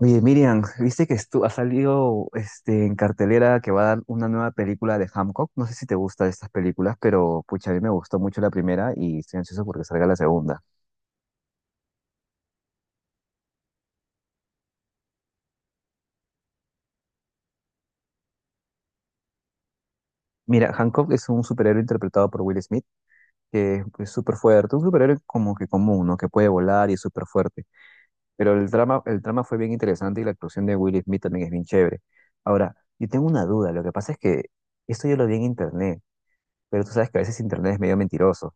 Oye, Miriam, viste que ha salido en cartelera que va a dar una nueva película de Hancock. No sé si te gustan estas películas, pero pucha, a mí me gustó mucho la primera y estoy ansioso porque salga la segunda. Mira, Hancock es un superhéroe interpretado por Will Smith, que es súper fuerte, un superhéroe como que común, ¿no? Que puede volar y es súper fuerte. Pero el drama fue bien interesante y la actuación de Will Smith también es bien chévere. Ahora, yo tengo una duda, lo que pasa es que esto yo lo vi en internet, pero tú sabes que a veces internet es medio mentiroso.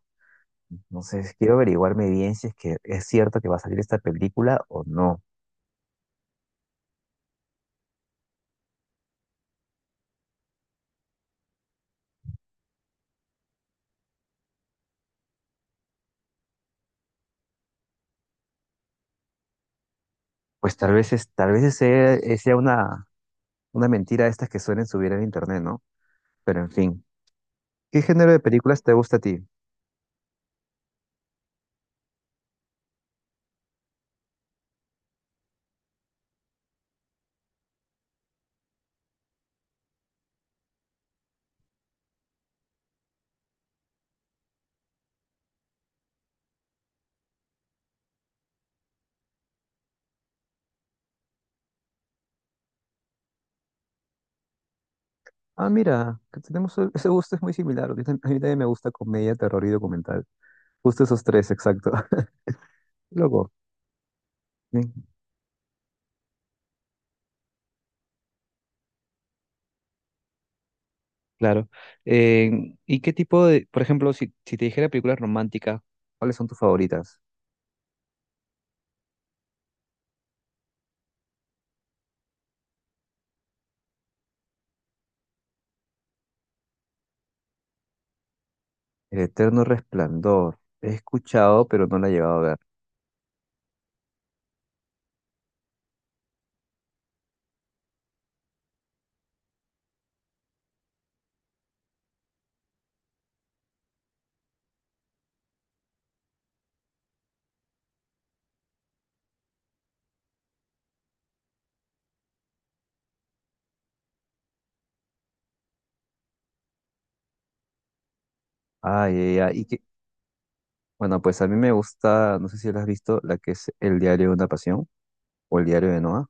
Entonces, quiero averiguarme bien si es que es cierto que va a salir esta película o no. Pues tal vez, es, tal vez sea, sea una mentira estas que suelen subir en internet, ¿no? Pero en fin, ¿qué género de películas te gusta a ti? Ah, mira, que tenemos ese gusto es muy similar. A mí a mí también me gusta comedia, terror y documental. Justo esos tres, exacto. Loco. Sí. Claro. ¿Y qué tipo de, por ejemplo, si, si te dijera películas románticas, ¿cuáles son tus favoritas? El Eterno Resplandor. He escuchado, pero no la he llevado a ver. Ah, ya, ya, y que, bueno, pues a mí me gusta, no sé si la has visto, la que es El Diario de una Pasión o El Diario de Noah.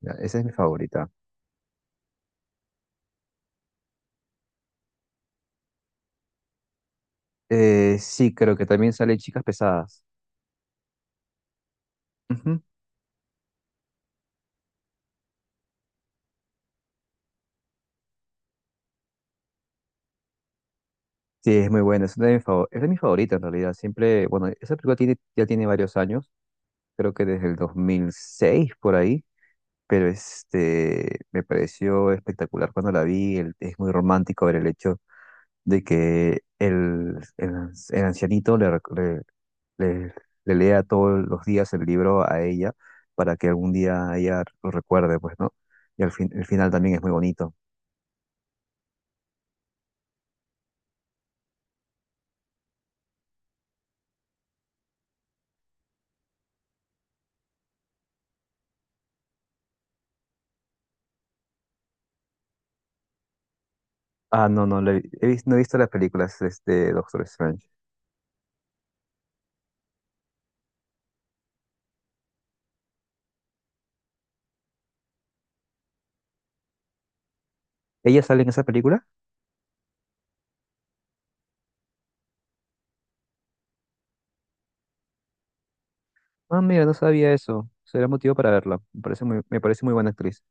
Ya, esa es mi favorita. Sí, creo que también sale Chicas Pesadas. Ujú. Sí, es muy buena, es una de mis es de mis favoritas en realidad. Siempre, bueno, esa película tiene, ya tiene varios años, creo que desde el 2006 por ahí, pero me pareció espectacular cuando la vi. Es muy romántico ver el hecho de que el ancianito le, rec- le- le, le lea todos los días el libro a ella para que algún día ella lo recuerde, pues, ¿no? Y al fin, el final también es muy bonito. Ah, no, no, no he visto las películas de este Doctor Strange. ¿Ella sale en esa película? Ah, mira, no sabía eso. Será motivo para verla. Me parece muy buena actriz.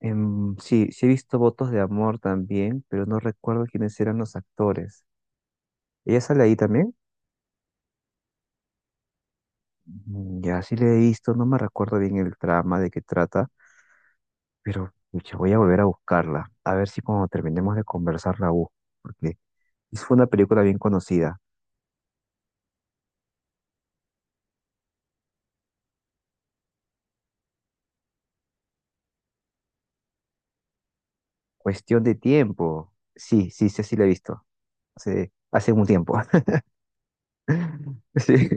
Sí, sí he visto Votos de Amor también, pero no recuerdo quiénes eran los actores. ¿Ella sale ahí también? Ya sí le he visto, no me recuerdo bien el trama de qué trata. Pero pucha, voy a volver a buscarla, a ver si cuando terminemos de conversar la busco, porque fue una película bien conocida. Cuestión de tiempo. Sí, sí, sí, sí la he visto. Hace, hace un tiempo. Sí,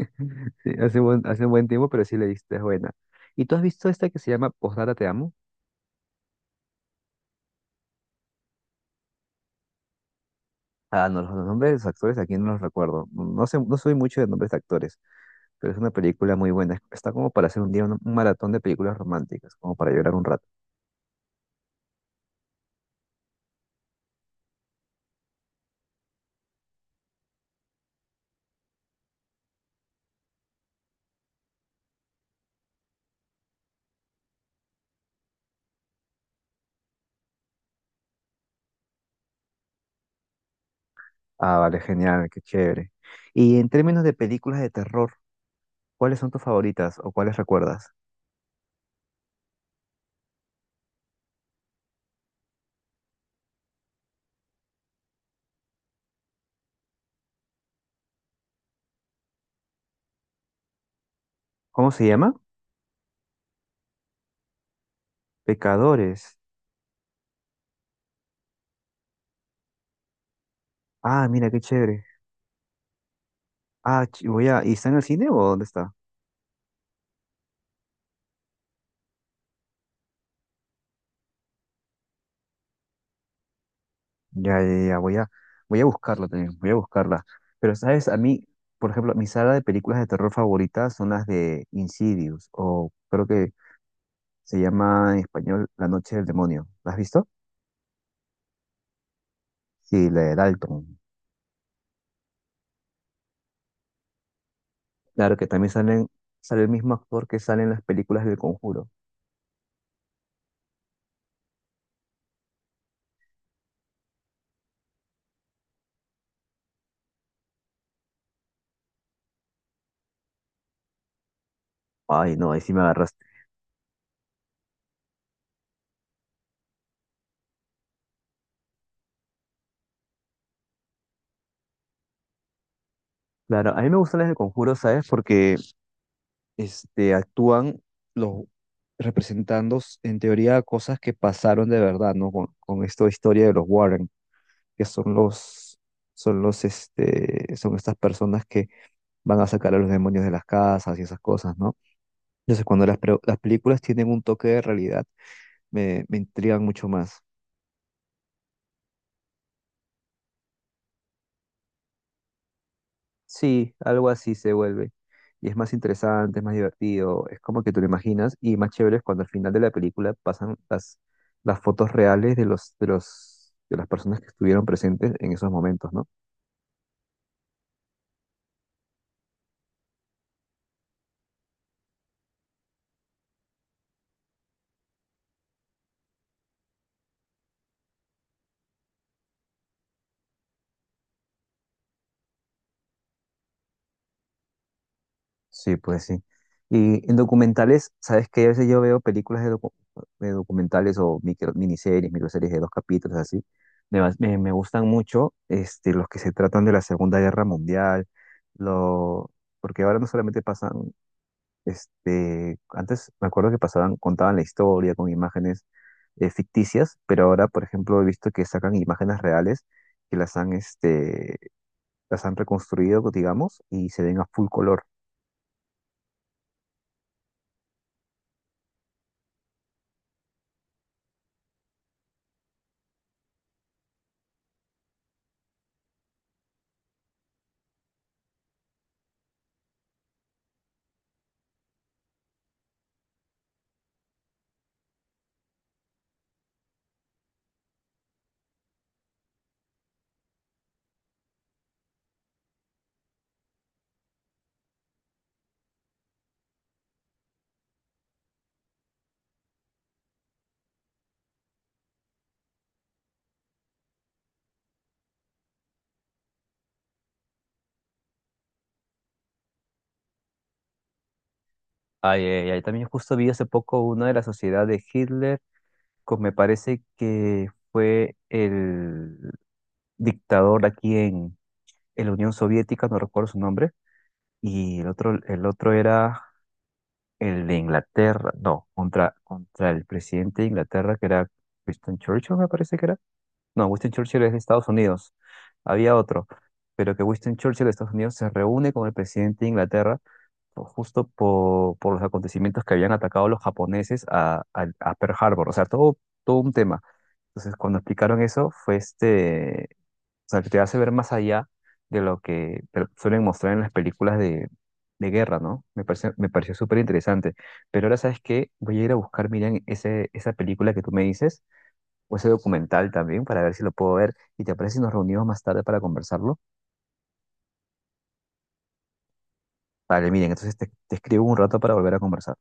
sí, hace buen, hace un buen tiempo, pero sí la he visto, es buena. ¿Y tú has visto esta que se llama Postdata Te Amo? Ah, no, los nombres de los actores aquí no los recuerdo. No sé, no soy mucho de nombres de actores, pero es una película muy buena. Está como para hacer un día un maratón de películas románticas, como para llorar un rato. Ah, vale, genial, qué chévere. Y en términos de películas de terror, ¿cuáles son tus favoritas o cuáles recuerdas? ¿Cómo se llama? Pecadores. Ah, mira, qué chévere. Voy a... ¿Y está en el cine o dónde está? Ya, ya, ya, voy a, voy a buscarla también, voy a buscarla. Pero, ¿sabes? A mí, por ejemplo, mi saga de películas de terror favoritas son las de Insidious, o creo que se llama en español La Noche del Demonio. ¿La has visto? Sí, la de Dalton. Claro que también salen, sale el mismo actor que sale en las películas del Conjuro. Ay, no, ahí sí me agarraste. Claro, a mí me gustan las de Conjuro, ¿sabes? Porque actúan los representando, en teoría, cosas que pasaron de verdad, ¿no? Con esta historia de los Warren, que son los, son los, son estas personas que van a sacar a los demonios de las casas y esas cosas, ¿no? Entonces, cuando las, las películas tienen un toque de realidad, me intrigan mucho más. Sí, algo así se vuelve. Y es más interesante, es más divertido, es como que tú lo imaginas y más chévere es cuando al final de la película pasan las fotos reales de los, de los, de las personas que estuvieron presentes en esos momentos, ¿no? Sí, pues sí. Y en documentales, ¿sabes qué? A veces yo veo películas de, de documentales o micro, miniseries, microseries de 2 capítulos así. Me gustan mucho los que se tratan de la Segunda Guerra Mundial, lo, porque ahora no solamente pasan. Antes me acuerdo que pasaban, contaban la historia con imágenes ficticias, pero ahora, por ejemplo, he visto que sacan imágenes reales que las han, las han reconstruido, digamos, y se ven a full color. Ay, ay, ay, también justo vi hace poco una de la sociedad de Hitler, que me parece que fue el dictador aquí en la Unión Soviética, no recuerdo su nombre, y el otro era el de Inglaterra, no, contra, contra el presidente de Inglaterra, que era Winston Churchill, me parece que era. No, Winston Churchill es de Estados Unidos. Había otro, pero que Winston Churchill de Estados Unidos se reúne con el presidente de Inglaterra justo por los acontecimientos que habían atacado los japoneses a, a Pearl Harbor, o sea, todo, todo un tema. Entonces, cuando explicaron eso, fue o sea, que te hace ver más allá de lo que te suelen mostrar en las películas de guerra, ¿no? Me pareció súper interesante. Pero ahora, ¿sabes qué? Voy a ir a buscar, Miriam, ese, esa película que tú me dices, o ese documental también, para ver si lo puedo ver. ¿Y te parece si nos reunimos más tarde para conversarlo? Vale, Miriam, entonces te escribo un rato para volver a conversar.